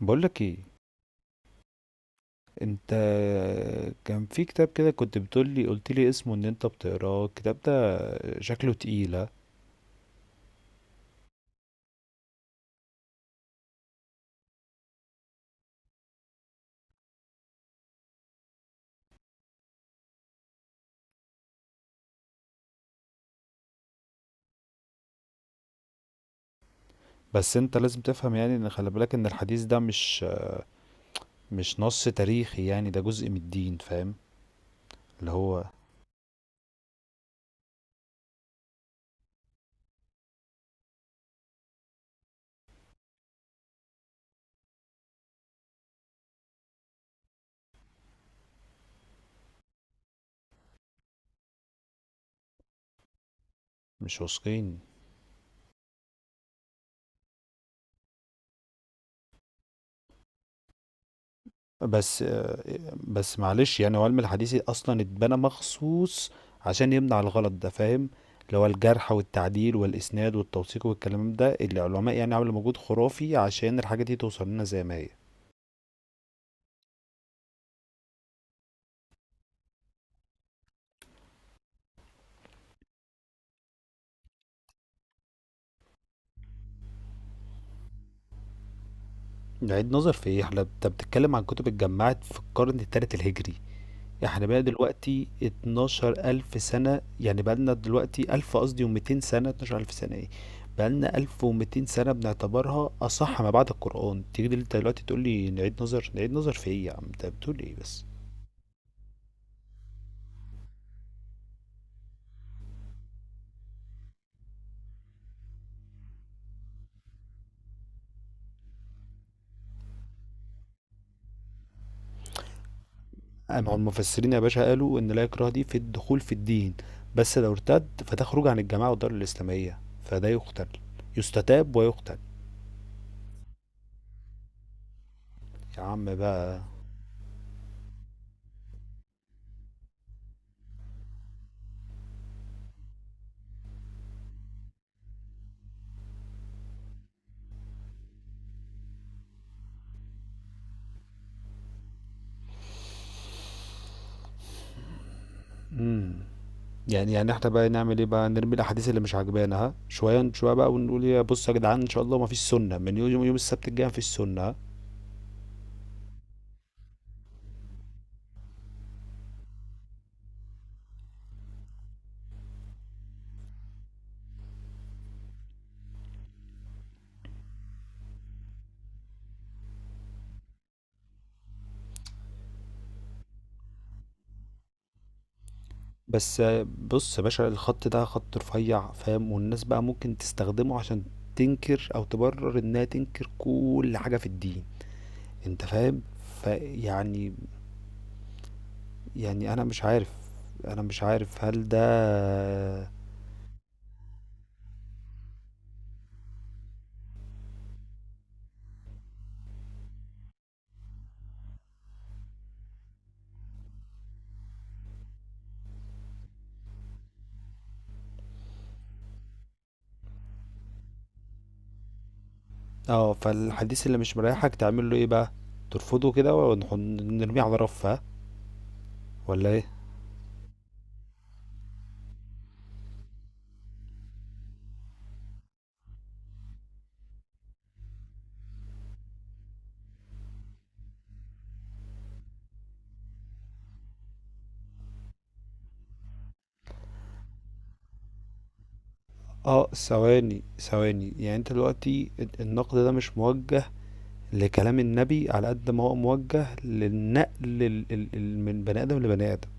بقولك ايه انت. كان في كتاب كده كنت بتقولي قلتلي اسمه ان انت بتقراه. الكتاب ده شكله تقيلة. بس انت لازم تفهم يعني ان خلي بالك ان الحديث ده مش نص تاريخي، يعني ده جزء من الدين، فاهم؟ اللي هو مش واثقين. بس بس معلش، يعني هو علم الحديث اصلا اتبنى مخصوص عشان يمنع الغلط ده، فاهم؟ اللي هو الجرح والتعديل والاسناد والتوثيق والكلام ده، اللي العلماء يعني عملوا مجهود خرافي عشان الحاجة دي توصل لنا زي ما هي. نعيد نظر في ايه احنا؟ انت بتتكلم عن كتب اتجمعت في القرن الثالث الهجري. احنا بقى دلوقتي 12000 سنة، يعني بقى لنا دلوقتي 1000 قصدي و200 سنة، 12000 سنة ايه؟ بقى لنا 1200 سنة بنعتبرها أصح ما بعد القرآن، تيجي انت دلوقتي تقول لي نعيد نظر، نعيد نظر في ايه يا عم؟ انت بتقول ايه بس؟ مع المفسرين يا باشا، قالوا ان لا اكراه دي في الدخول في الدين، بس لو ارتد فتخرج عن الجماعة والدار الإسلامية فده يقتل، يستتاب ويقتل. يا عم بقى. مم. يعني احنا بقى نعمل ايه؟ بقى نرمي الاحاديث اللي مش عاجبانا ها شويه شويه بقى، ونقول يا بص يا جدعان ان شاء الله ما فيش سنه، من يوم السبت الجاي ما فيش سنه، ها؟ بس بص يا باشا، الخط ده خط رفيع، فاهم؟ والناس بقى ممكن تستخدمه عشان تنكر او تبرر انها تنكر كل حاجه في الدين، انت فاهم؟ فيعني يعني يعني انا مش عارف، انا مش عارف هل ده. اه، فالحديث اللي مش مريحك تعمل له ايه بقى؟ ترفضه كده ونرميه على رفه ولا ايه؟ آه، ثواني، ثواني، يعني أنت دلوقتي النقد ده مش موجّه لكلام النبي على قد ما هو موجّه للنقل ال ال ال من بني آدم لبني آدم.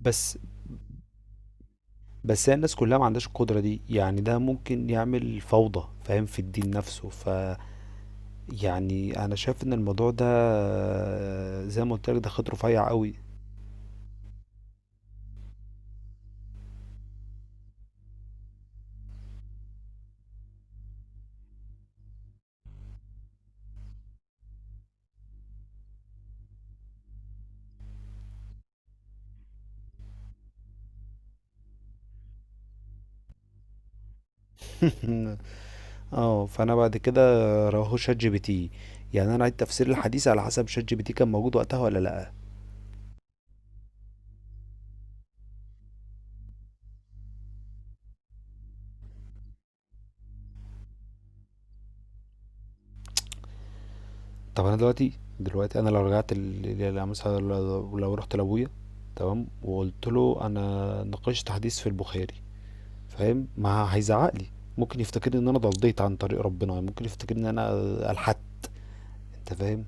بس بس هي الناس كلّها ما عندهاش القدرة دي، يعني ده ممكن يعمل فوضى، فاهم، في الدين نفسه، فيعني أنا شايف إن الموضوع ده زي ما قُلت لك ده خيط رفيّع أوي. آه، فأنا بعد كده رماهُ ChatGPT، يعني أنا عيد تفسير الحديث على حسب ChatGPT كان موجود وقتها والّا لأ. طب انا دلوقتي، دلوقتي انا لو رجعت مثلا لو لو رحت لابويا، تمام، وقلت له انا ناقشت حديث في البخاري، فاهم، ما هيزعق لي؟ ممكن يفتكرني ان انا ضليت عن طريق ربنا، ممكن يفتكرني ان انا الحدت، انت فاهم؟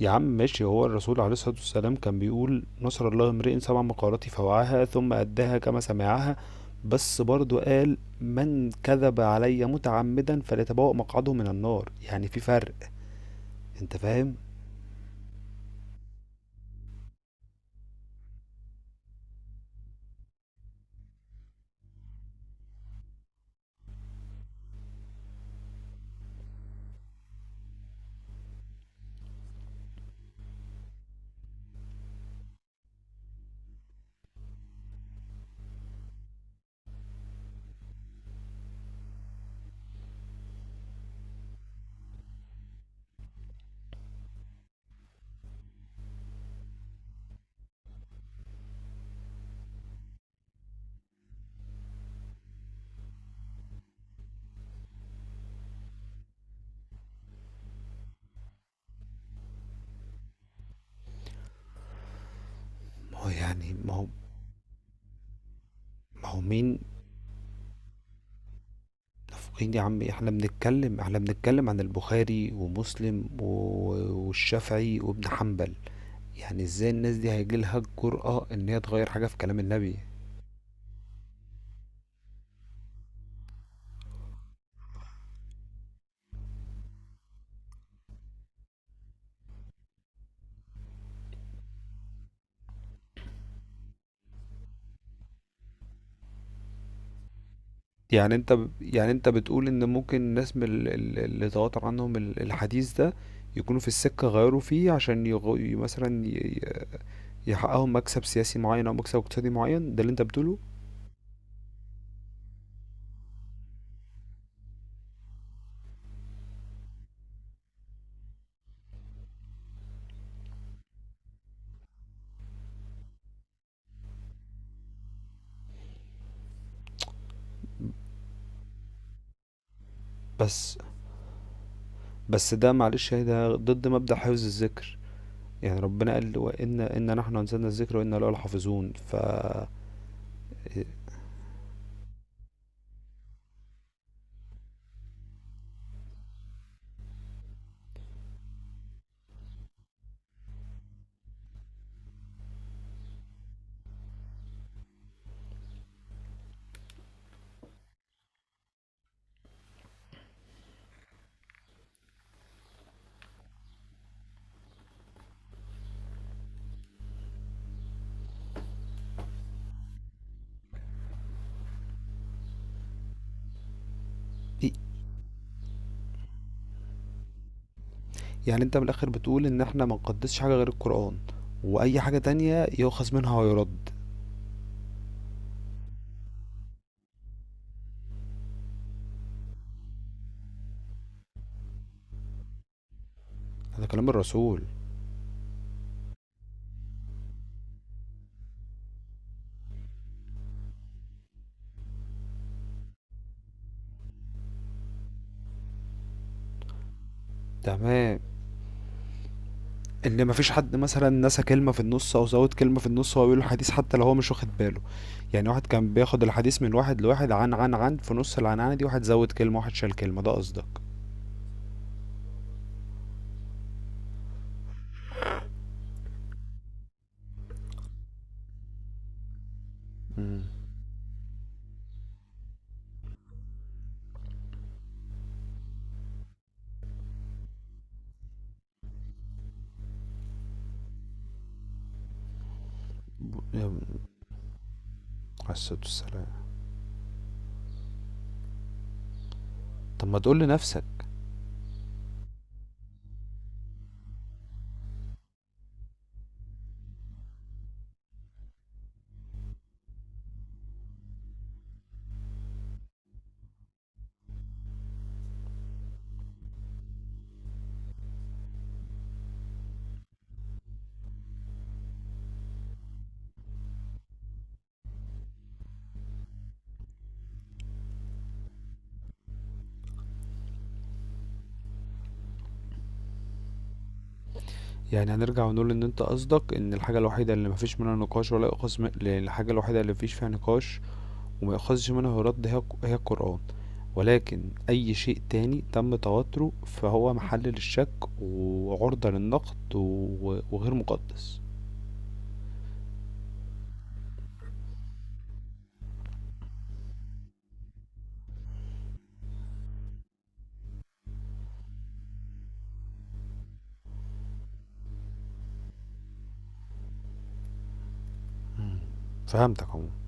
يا عم ماشي، هو الرسول عليه الصلاة والسلام كان بيقول نصر الله امرئ سمع مقالتي فوعاها ثم أداها كما سمعها، بس برضو قال من كذب علي متعمدا فليتبوأ مقعده من النار، يعني في فرق، انت فاهم؟ ما هو ما هو مين؟ منافقين يا عم، احنا بنتكلم، احنا بنتكلم عن البخاري ومسلم و- والشافعي وابن حنبل، يعني ازاي الناس دي هيجي لها الجرأة ان هي تغير حاجة في كلام النبي؟ يعني انت بتقول ان ممكن الناس من اللي تواتر عنهم الحديث ده يكونوا في السكة غيروا فيه عشان يغ... مثلا يحققوا مكسب سياسي معين او مكسب اقتصادي معين، ده اللي انت بتقوله؟ بس بس ده معلش، ده ضد مبدأ حفظ الذكر، يعني ربنا قال وإن إن نحن أنزلنا الذكر وإنا له لحافظون، ف- إيه، يعني انت من الآخر بتقول إن احنا ما نقدسش حاجة غير القرآن، وأي حاجة تانية يؤخذ منها ويرد؟ هذا كلام الرسول. تمام، ان مفيش حد مثلا نسى كلمه في النص او زود كلمه في النص وهو بيقول الحديث حتى لو هو مش واخد باله؟ يعني واحد كان بياخد الحديث من واحد لواحد عن في نص العنعنه دي واحد زود كلمه واحد شال كلمه، ده قصدك؟ امم. عليه الصلاه والسلام. طب ما تقول لنفسك. يعني هنرجع ونقول ان انت قصدك ان الحاجة الوحيدة اللي مفيش منها نقاش ولا يؤخذ من... الحاجة الوحيدة اللي مفيش فيها نقاش وما يؤخذش منها رد هي هي القرآن، ولكن اي شيء تاني تم تواتره فهو محل للشك وعرضة للنقد و... وغير مقدس. فهمتك عموما.